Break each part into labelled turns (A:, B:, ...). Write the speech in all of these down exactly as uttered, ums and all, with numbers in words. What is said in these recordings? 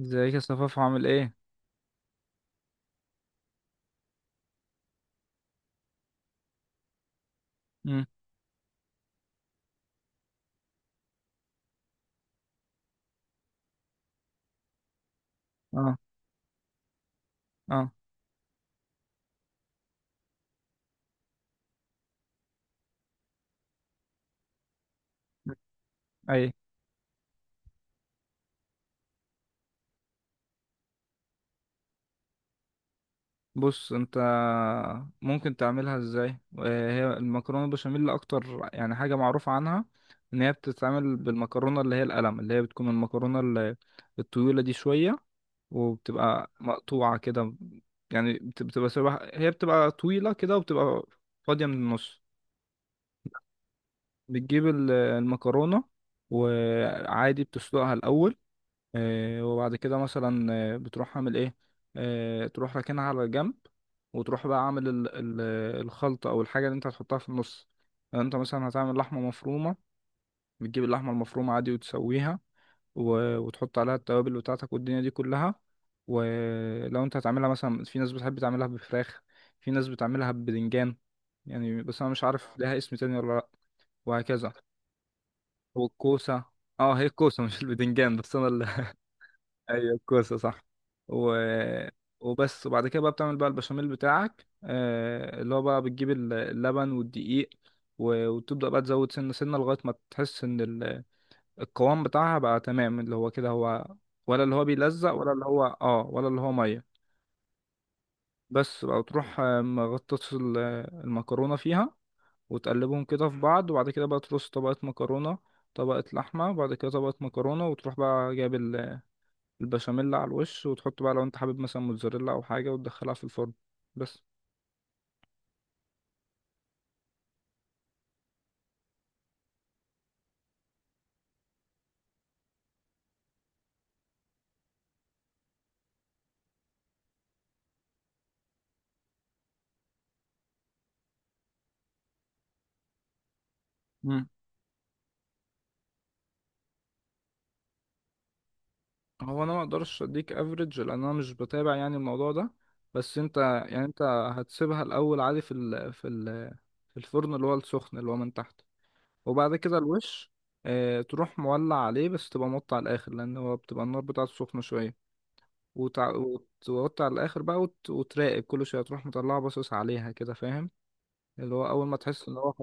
A: ازيك يا صفاف، عامل ايه؟ امم. اه. اه. اي. بص انت، ممكن تعملها ازاي وهي المكرونه البشاميل اللي اكتر يعني حاجه معروفه عنها ان هي بتتعمل بالمكرونه اللي هي القلم اللي هي بتكون المكرونه ال- الطويله دي شويه وبتبقى مقطوعه كده. يعني بت- بتبقى شبه، هي بتبقى طويله كده وبتبقى فاضيه من النص. بتجيب ال- المكرونه وعادي بتسلقها الاول. آه، وبعد كده مثلا آه، بتروح عامل ايه. آه، تروح راكنها على الجنب وتروح بقى عامل ال- ال- الخلطة او الحاجة اللي انت هتحطها في النص. يعني انت مثلا هتعمل لحمة مفرومة، بتجيب اللحمة المفرومة عادي وتسويها. و- وتحط عليها التوابل بتاعتك والدنيا دي كلها. ولو انت هتعملها مثلا، في ناس بتحب تعملها بفراخ، في ناس بتعملها ببدنجان. يعني بس انا مش عارف لها اسم تاني ولا لا. وهكذا والكوسة. اه، هي الكوسة مش البدنجان، بس انا. ايوه الكوسه صح و... وبس. وبعد كده بقى بتعمل بقى البشاميل بتاعك، آه، اللي هو بقى بتجيب ال- اللبن والدقيق. و- وتبدأ بقى تزود سنة سنة لغاية ما تحس ان ال- القوام بتاعها بقى تمام، اللي هو كده هو، ولا اللي هو بيلزق، ولا اللي هو اه ولا اللي هو مية. بس بقى تروح مغطس ال- المكرونة فيها، وتقلبهم كده في بعض. وبعد كده بقى ترص طبقة مكرونة، طبقة لحمة، وبعد كده طبقة مكرونة. وتروح بقى جايب البشاميل على الوش، وتحط بقى لو انت حابب مثلا موتزاريلا او حاجه، وتدخلها في الفرن بس. مم. هو انا ما اقدرش اديك افريج لان انا مش بتابع يعني الموضوع ده. بس انت، يعني انت، هتسيبها الاول عادي في ال في ال في الفرن اللي هو السخن اللي هو من تحت. وبعد كده الوش. اه، تروح مولع عليه، بس تبقى موطي على الاخر لان هو بتبقى النار بتاعته سخنه شويه. وتع... وتوطي على الاخر بقى، وت... وتراقب كل شويه، تروح مطلعه باصص عليها كده، فاهم. اللي هو اول ما تحس ان هو.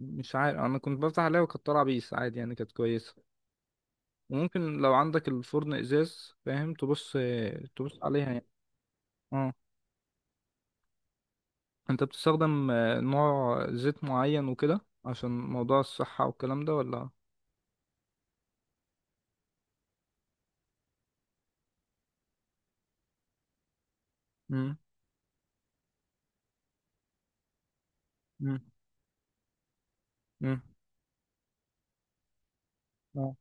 A: مش عارف، انا كنت بفتح عليها وكانت طالعه بيس عادي، يعني كانت كويسه. وممكن لو عندك الفرن ازاز فاهم تبص، تبص عليها يعني. اه. انت بتستخدم آه، نوع زيت معين وكده عشان موضوع الصحه والكلام ده، ولا... امم. امم. امم. اه.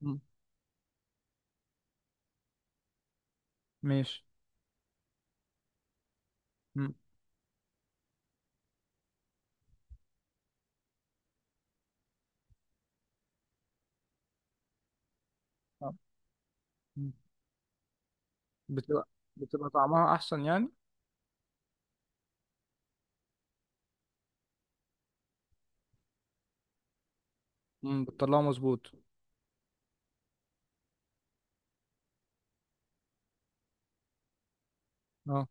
A: مم. ماشي. امم. اه. مم. بتبقى بتبقى طعمها احسن يعني. امم، بتطلعه مظبوط. اه،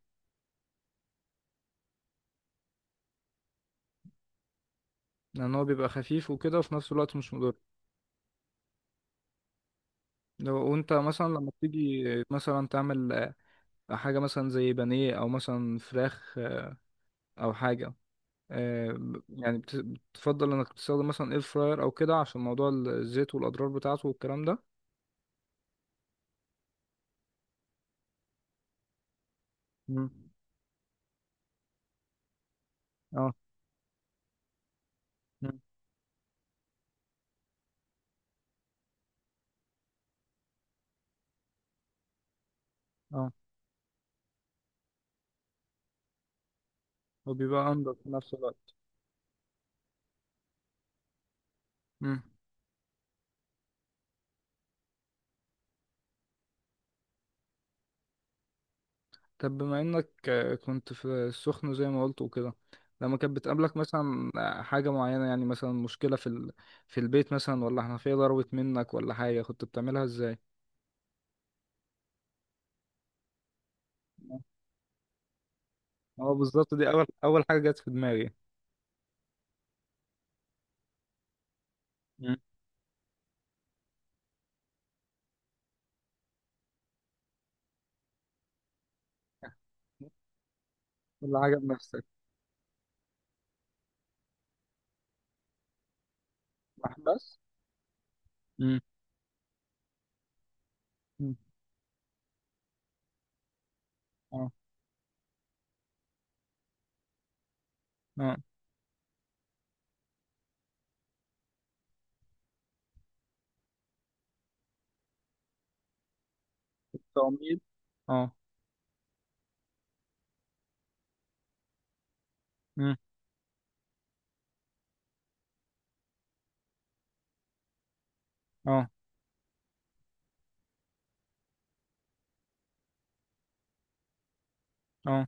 A: لان هو بيبقى خفيف وكده وفي نفس الوقت مش مضر. لو وانت مثلا لما بتيجي مثلا تعمل حاجة مثلا زي بانيه أو مثلا فراخ، آه، أو حاجة، آه، ب- يعني بت- بتفضل إنك تستخدم مثلا إير فراير أو كده عشان موضوع الزيت والأضرار بتاعته والكلام ده. مم. اه. مم. اه. وبيبقى أنضف في نفس الوقت. مم. طب بما إنك آه، كنت في السخن زي ما قلت وكده، لما كانت بتقابلك مثلا حاجة معينة، يعني مثلا مشكلة في ال... في البيت مثلا، ولا حنفية ضربت منك، ولا حاجة، كنت بتعملها إزاي؟ مم. اه بالظبط، دي أول أول حاجة جت في دماغي. مم. اللي عجب نفسك. محبس. امم. أمم. اه. اه. تعميد. اه. مم. اه. اه.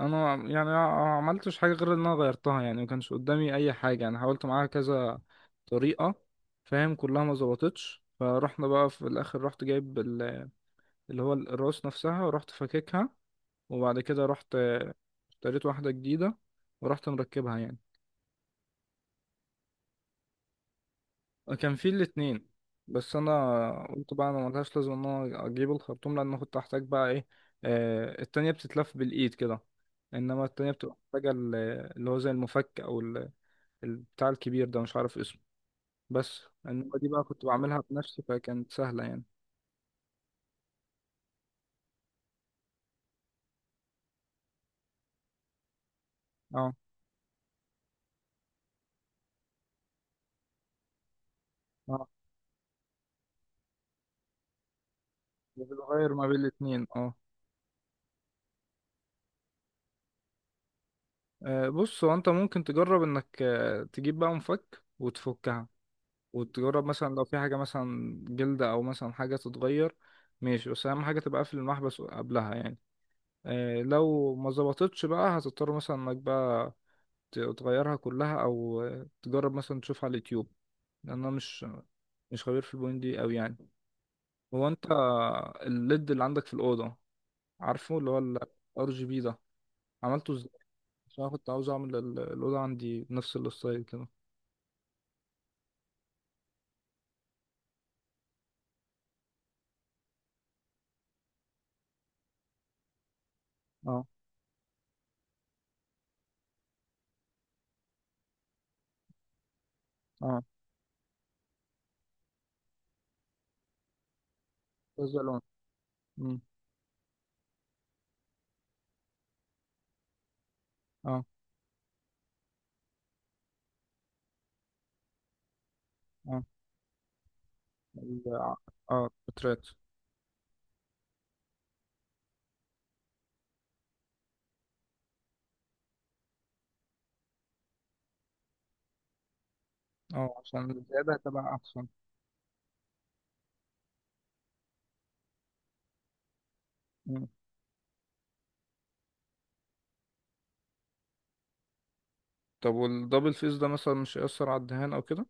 A: انا يعني ما عملتش حاجه غير ان انا غيرتها، يعني ما كانش قدامي اي حاجه، انا حاولت معاها كذا طريقه، فاهم، كلها ما ظبطتش. فرحنا بقى في الاخر رحت جايب ال- اللي هو الراس نفسها ورحت فككها. وبعد كده رحت اشتريت واحده جديده ورحت مركبها يعني. كان في الاتنين، بس انا قلت بقى انا ملهاش لازمه ان انا اجيب الخرطوم، لان أنا كنت هحتاج بقى ايه، آه التانية بتتلف بالايد كده. انما التانية بتبقى محتاجه ال- اللي هو زي المفك او ال- البتاع الكبير ده مش عارف اسمه. بس انما دي بقى كنت بعملها بنفسي فكانت سهله يعني. اه. اه. بتغير ما بين الاتنين، اه. آه، بص هو، انت ممكن تجرب انك آه، تجيب بقى مفك وتفكها، وتجرب مثلا لو في حاجة مثلا جلدة أو مثلا حاجة تتغير. ماشي، بس أهم حاجة تبقى قافل المحبس قبلها يعني. آه، لو ما ظبطتش بقى هتضطر مثلا إنك بقى ت- تغيرها كلها أو آه، تجرب مثلا تشوفها على اليوتيوب. لأن أنا مش مش خبير في البوينت دي أوي يعني. هو أنت، الليد اللي عندك في الأوضة، عارفه اللي هو ال آر جي بي ده، عملته ازاي؟ عشان أنا كنت عاوز أعمل ال- الأوضة عندي نفس الستايل كده. اه. اه كذا لون. مم. اه. آه. ال- اه بترات. اه، عشان الزيادة هتبقى أحسن. مم. طب والدبل فيس ده مثلا مش هيأثر على الدهان أو كده؟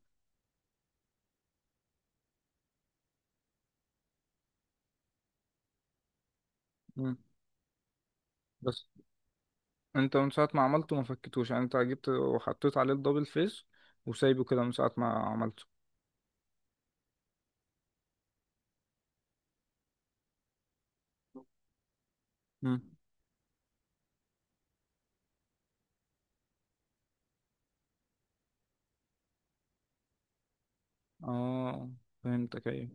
A: مم. بس أنت من ساعة ما عملته ما فكتوش يعني، أنت جبت وحطيت عليه الدبل فيس وسايبه كده من ساعة ما عملته. مم. اه فهمتك أيوه.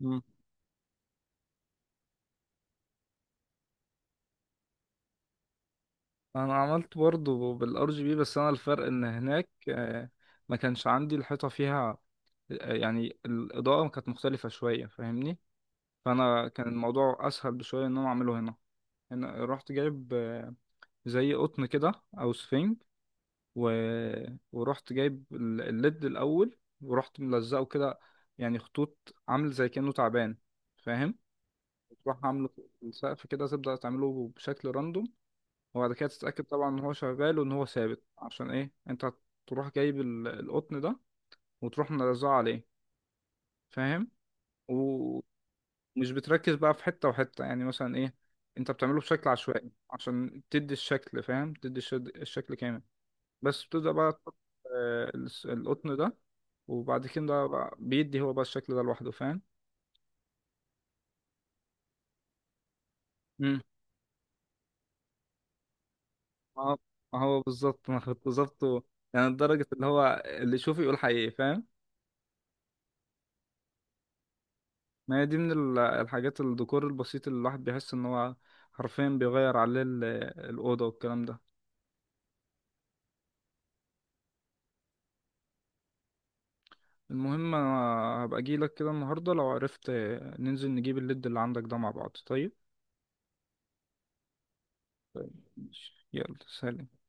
A: مم. أنا عملت برضه بالار جي بي، بس أنا الفرق إن هناك آه، ما كانش عندي الحيطة فيها. آه، يعني الإضاءة كانت مختلفة شوية فاهمني. فأنا كان الموضوع أسهل بشوية إن أنا أعمله هنا. انا رحت جايب آه، زي قطن كده او سفنج و... ورحت جايب ال- الليد الاول ورحت ملزقه كده، يعني خطوط عامل زي كأنه تعبان، فاهم. تروح عامله في السقف كده، تبدأ تعمله بشكل راندوم. وبعد كده تتأكد طبعا ان هو شغال وان هو ثابت، عشان ايه انت تروح جايب ال- القطن ده وتروح ملزقه عليه، فاهم. و... مش بتركز بقى في حتة وحتة يعني، مثلا ايه، انت بتعمله بشكل عشوائي عشان تدي الشكل، فاهم، تدي الشد- الشكل كامل. بس بتبدأ بقى تحط آه، الس- القطن ده، وبعد كده بقى بيدي هو بقى الشكل ده لوحده، فاهم. امم. ما ما هو بالظبط ما هو بالظبط هو-. يعني لدرجة اللي هو اللي يشوف يقول حقيقي، فاهم. ما هي دي من ال- الحاجات الديكور البسيط اللي الواحد بيحس ان هو حرفيا بيغير عليه ال- الأوضة والكلام ده. المهم انا هبقى اجيلك كده النهارده لو عرفت، ننزل نجيب الليد اللي عندك ده مع بعض، طيب. ماشي. يلا سلام.